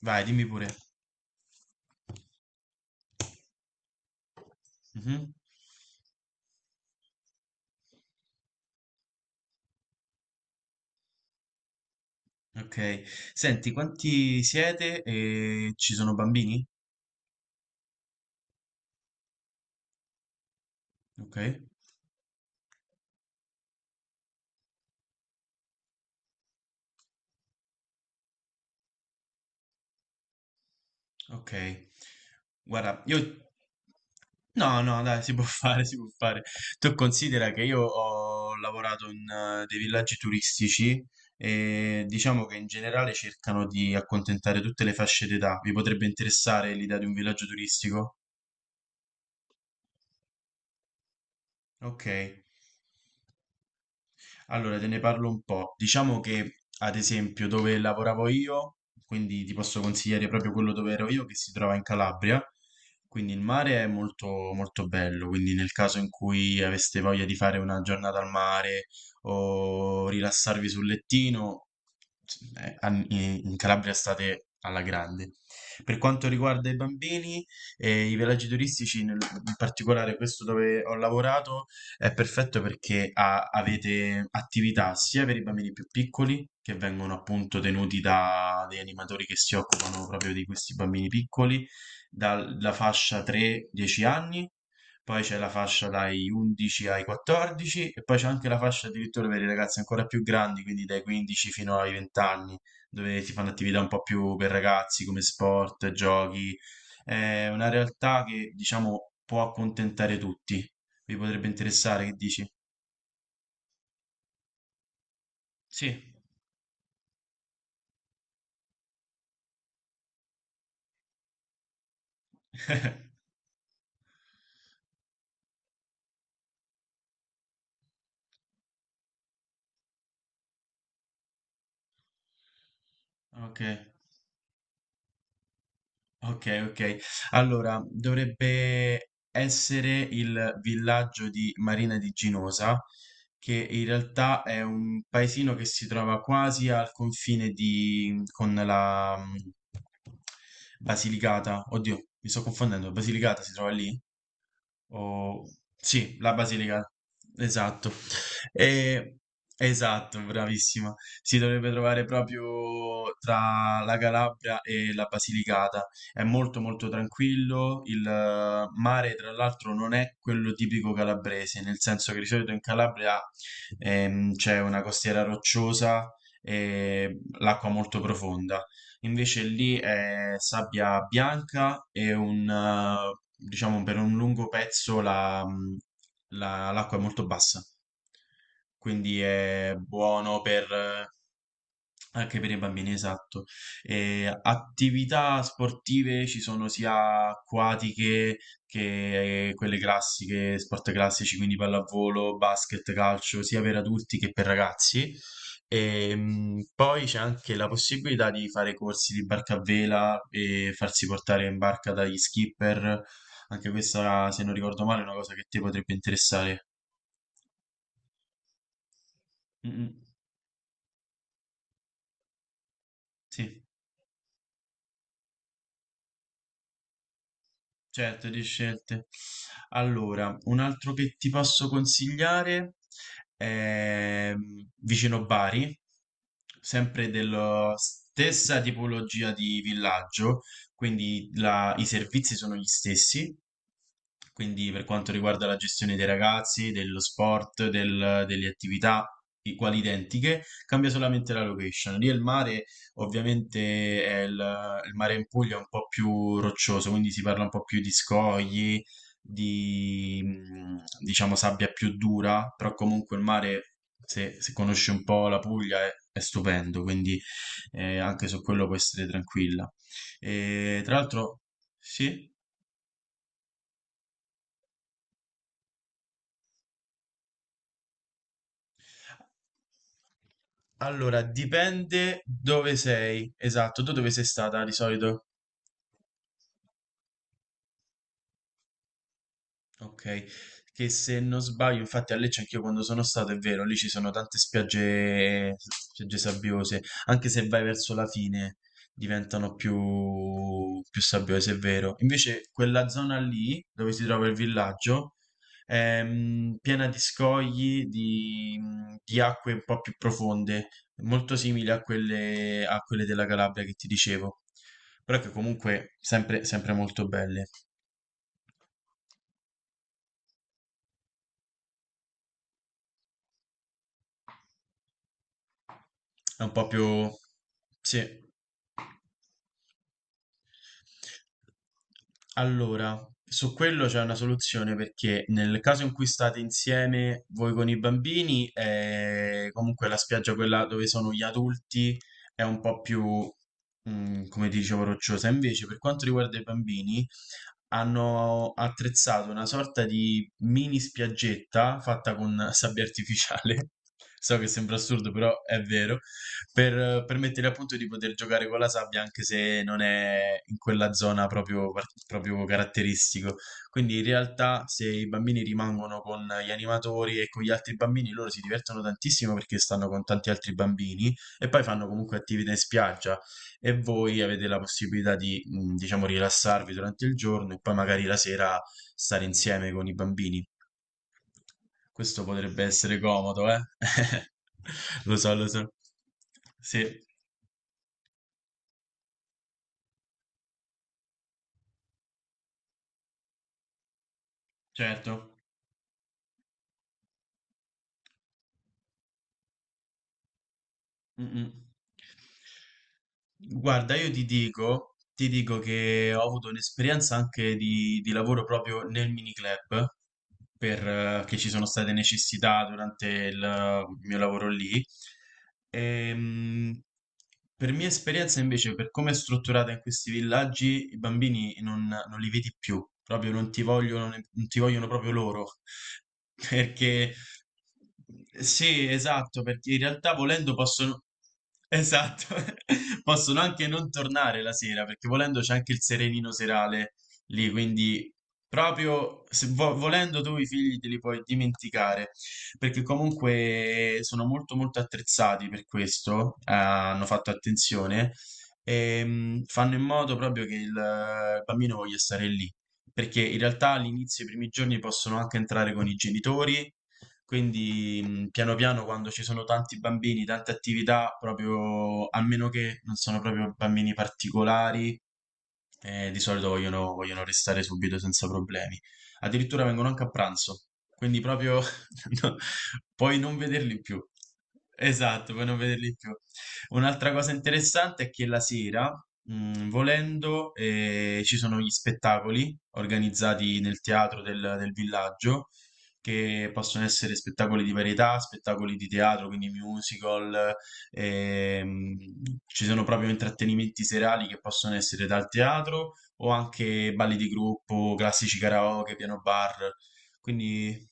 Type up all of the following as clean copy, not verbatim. Vai, dimmi pure. Mhm. Ok. Senti, quanti siete e ci sono bambini? Ok. Ok. Guarda, io... No, no, dai, si può fare, si può fare. Tu considera che io ho lavorato in dei villaggi turistici e diciamo che in generale cercano di accontentare tutte le fasce d'età. Vi potrebbe interessare l'idea di un villaggio turistico? Ok. Allora, te ne parlo un po'. Diciamo che, ad esempio, dove lavoravo io, quindi ti posso consigliare proprio quello dove ero io, che si trova in Calabria. Quindi il mare è molto, molto bello. Quindi, nel caso in cui aveste voglia di fare una giornata al mare o rilassarvi sul lettino, in Calabria state alla grande. Per quanto riguarda i bambini e i villaggi turistici, in particolare questo dove ho lavorato. È perfetto perché avete attività sia per i bambini più piccoli, che vengono appunto tenuti da dei animatori che si occupano proprio di questi bambini piccoli, dalla fascia 3-10 anni, poi c'è la fascia dai 11 ai 14 e poi c'è anche la fascia addirittura per i ragazzi ancora più grandi, quindi dai 15 fino ai 20 anni, dove si fanno attività un po' più per ragazzi come sport, giochi. È una realtà che diciamo può accontentare tutti, vi potrebbe interessare, che dici? Sì. Ok, ok, ok. Allora, dovrebbe essere il villaggio di Marina di Ginosa, che in realtà è un paesino che si trova quasi al confine di, con la Basilicata. Oddio, mi sto confondendo. Basilicata si trova lì? O- sì, la Basilicata, esatto. E- esatto, bravissima. Si dovrebbe trovare proprio tra la Calabria e la Basilicata. È molto molto tranquillo. Il mare, tra l'altro, non è quello tipico calabrese, nel senso che di solito in Calabria c'è una costiera rocciosa e l'acqua molto profonda. Invece lì è sabbia bianca e un, diciamo, per un lungo pezzo l'acqua è molto bassa. Quindi è buono per, anche per i bambini, esatto. E attività sportive ci sono sia acquatiche che quelle classiche, sport classici, quindi pallavolo, basket, calcio, sia per adulti che per ragazzi. E poi c'è anche la possibilità di fare corsi di barca a vela e farsi portare in barca dagli skipper. Anche questa, se non ricordo male, è una cosa che ti potrebbe interessare. Mm, mm. Sì. Certo, di scelte. Allora, un altro che ti posso consigliare è vicino Bari, sempre della stessa tipologia di villaggio, quindi i servizi sono gli stessi, quindi per quanto riguarda la gestione dei ragazzi, dello sport, delle attività, quali identiche, cambia solamente la location. Lì il mare ovviamente è il mare in Puglia è un po' più roccioso, quindi si parla un po' più di scogli, di diciamo sabbia più dura, però comunque il mare, se conosci un po' la Puglia, è stupendo, quindi anche su quello puoi essere tranquilla. E, tra l'altro, sì. Allora, dipende dove sei, esatto, tu dove sei stata di solito? Ok, che se non sbaglio, infatti a Lecce anch'io quando sono stato, è vero, lì ci sono tante spiagge, spiagge sabbiose, anche se vai verso la fine diventano più, più sabbiose, è vero. Invece quella zona lì, dove si trova il villaggio, è piena di scogli, di acque un po' più profonde, molto simili a quelle della Calabria che ti dicevo, però che comunque sempre sempre molto belle. È un po' più... Sì. Allora, su quello c'è una soluzione perché nel caso in cui state insieme voi con i bambini, comunque la spiaggia quella dove sono gli adulti è un po' più, come ti dicevo, rocciosa. Invece, per quanto riguarda i bambini, hanno attrezzato una sorta di mini spiaggetta fatta con sabbia artificiale. So che sembra assurdo, però è vero per permettere appunto di poter giocare con la sabbia anche se non è in quella zona proprio, proprio caratteristico. Quindi in realtà se i bambini rimangono con gli animatori e con gli altri bambini, loro si divertono tantissimo perché stanno con tanti altri bambini e poi fanno comunque attività in spiaggia e voi avete la possibilità di, diciamo, rilassarvi durante il giorno e poi magari la sera stare insieme con i bambini. Questo potrebbe essere comodo, eh? Lo so, lo so. Sì. Certo. Mh-mh. Guarda, io ti dico che ho avuto un'esperienza anche di lavoro proprio nel miniclub, perché ci sono state necessità durante il mio lavoro lì. Ehm, per mia esperienza invece, per come è strutturata in questi villaggi, i bambini non, non li vedi più, proprio non ti vogliono, non ti vogliono proprio loro. Perché sì, esatto, perché in realtà volendo possono, esatto, possono anche non tornare la sera, perché volendo c'è anche il serenino serale lì, quindi proprio se volendo tu i figli te li puoi dimenticare, perché comunque sono molto molto attrezzati per questo, hanno fatto attenzione e fanno in modo proprio che il bambino voglia stare lì, perché in realtà all'inizio, i primi giorni possono anche entrare con i genitori, quindi piano piano quando ci sono tanti bambini, tante attività, proprio a meno che non sono proprio bambini particolari, di solito vogliono, vogliono restare subito senza problemi. Addirittura vengono anche a pranzo, quindi proprio no, puoi non vederli più. Esatto, puoi non vederli più. Un'altra cosa interessante è che la sera, volendo, ci sono gli spettacoli organizzati nel teatro del, del villaggio che possono essere spettacoli di varietà, spettacoli di teatro, quindi musical, ehm, ci sono proprio intrattenimenti serali che possono essere dal teatro o anche balli di gruppo, classici karaoke, piano bar, quindi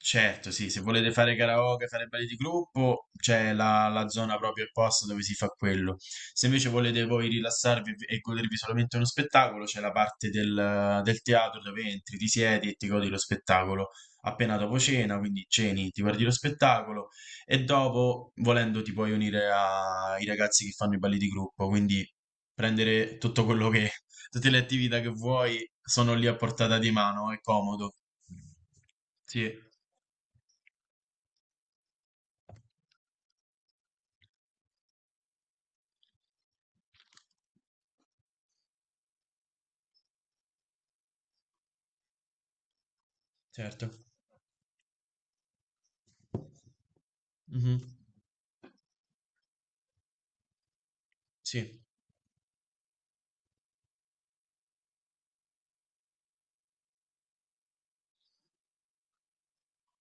certo, sì, se volete fare karaoke, fare balli di gruppo, c'è la, la zona proprio apposta dove si fa quello. Se invece volete voi rilassarvi e godervi solamente uno spettacolo, c'è la parte del, del teatro dove entri, ti siedi e ti godi lo spettacolo appena dopo cena, quindi ceni, ti guardi lo spettacolo e dopo, volendo, ti puoi unire ai ragazzi che fanno i balli di gruppo, quindi prendere tutto quello che, tutte le attività che vuoi sono lì a portata di mano, è comodo. Sì. Certo. Mh-mh. Sì.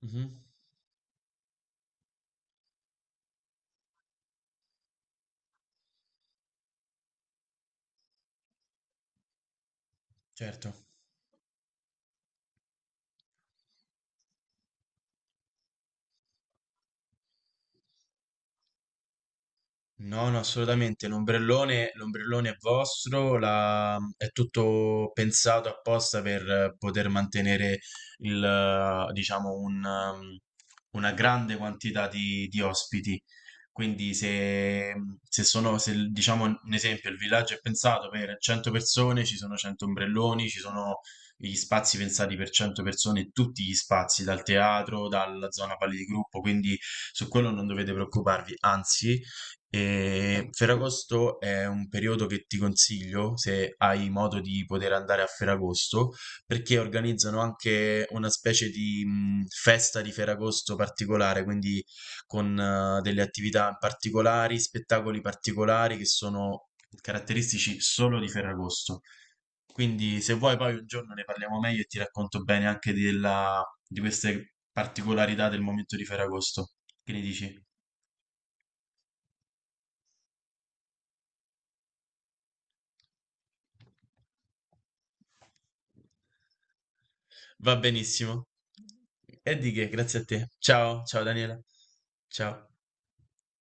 Mh-mh. Certo. No, no, assolutamente. L'ombrellone, l'ombrellone è vostro, è tutto pensato apposta per poter mantenere il, diciamo, una grande quantità di ospiti. Quindi se, se sono, se, il- diciamo, un esempio, il villaggio è pensato per 100 persone, ci sono 100 ombrelloni, ci sono gli spazi pensati per 100 persone, tutti gli spazi, dal teatro, dalla zona pali di gruppo, quindi su quello non dovete preoccuparvi, anzi... E Ferragosto è un periodo che ti consiglio se hai modo di poter andare a Ferragosto, perché organizzano anche una specie di festa di Ferragosto particolare, quindi con delle attività particolari, spettacoli particolari che sono caratteristici solo di Ferragosto. Quindi se vuoi poi un giorno ne parliamo meglio e ti racconto bene di queste particolarità del momento di Ferragosto. Che ne dici? Va benissimo. E di che, grazie a te. Ciao, ciao Daniela. Ciao.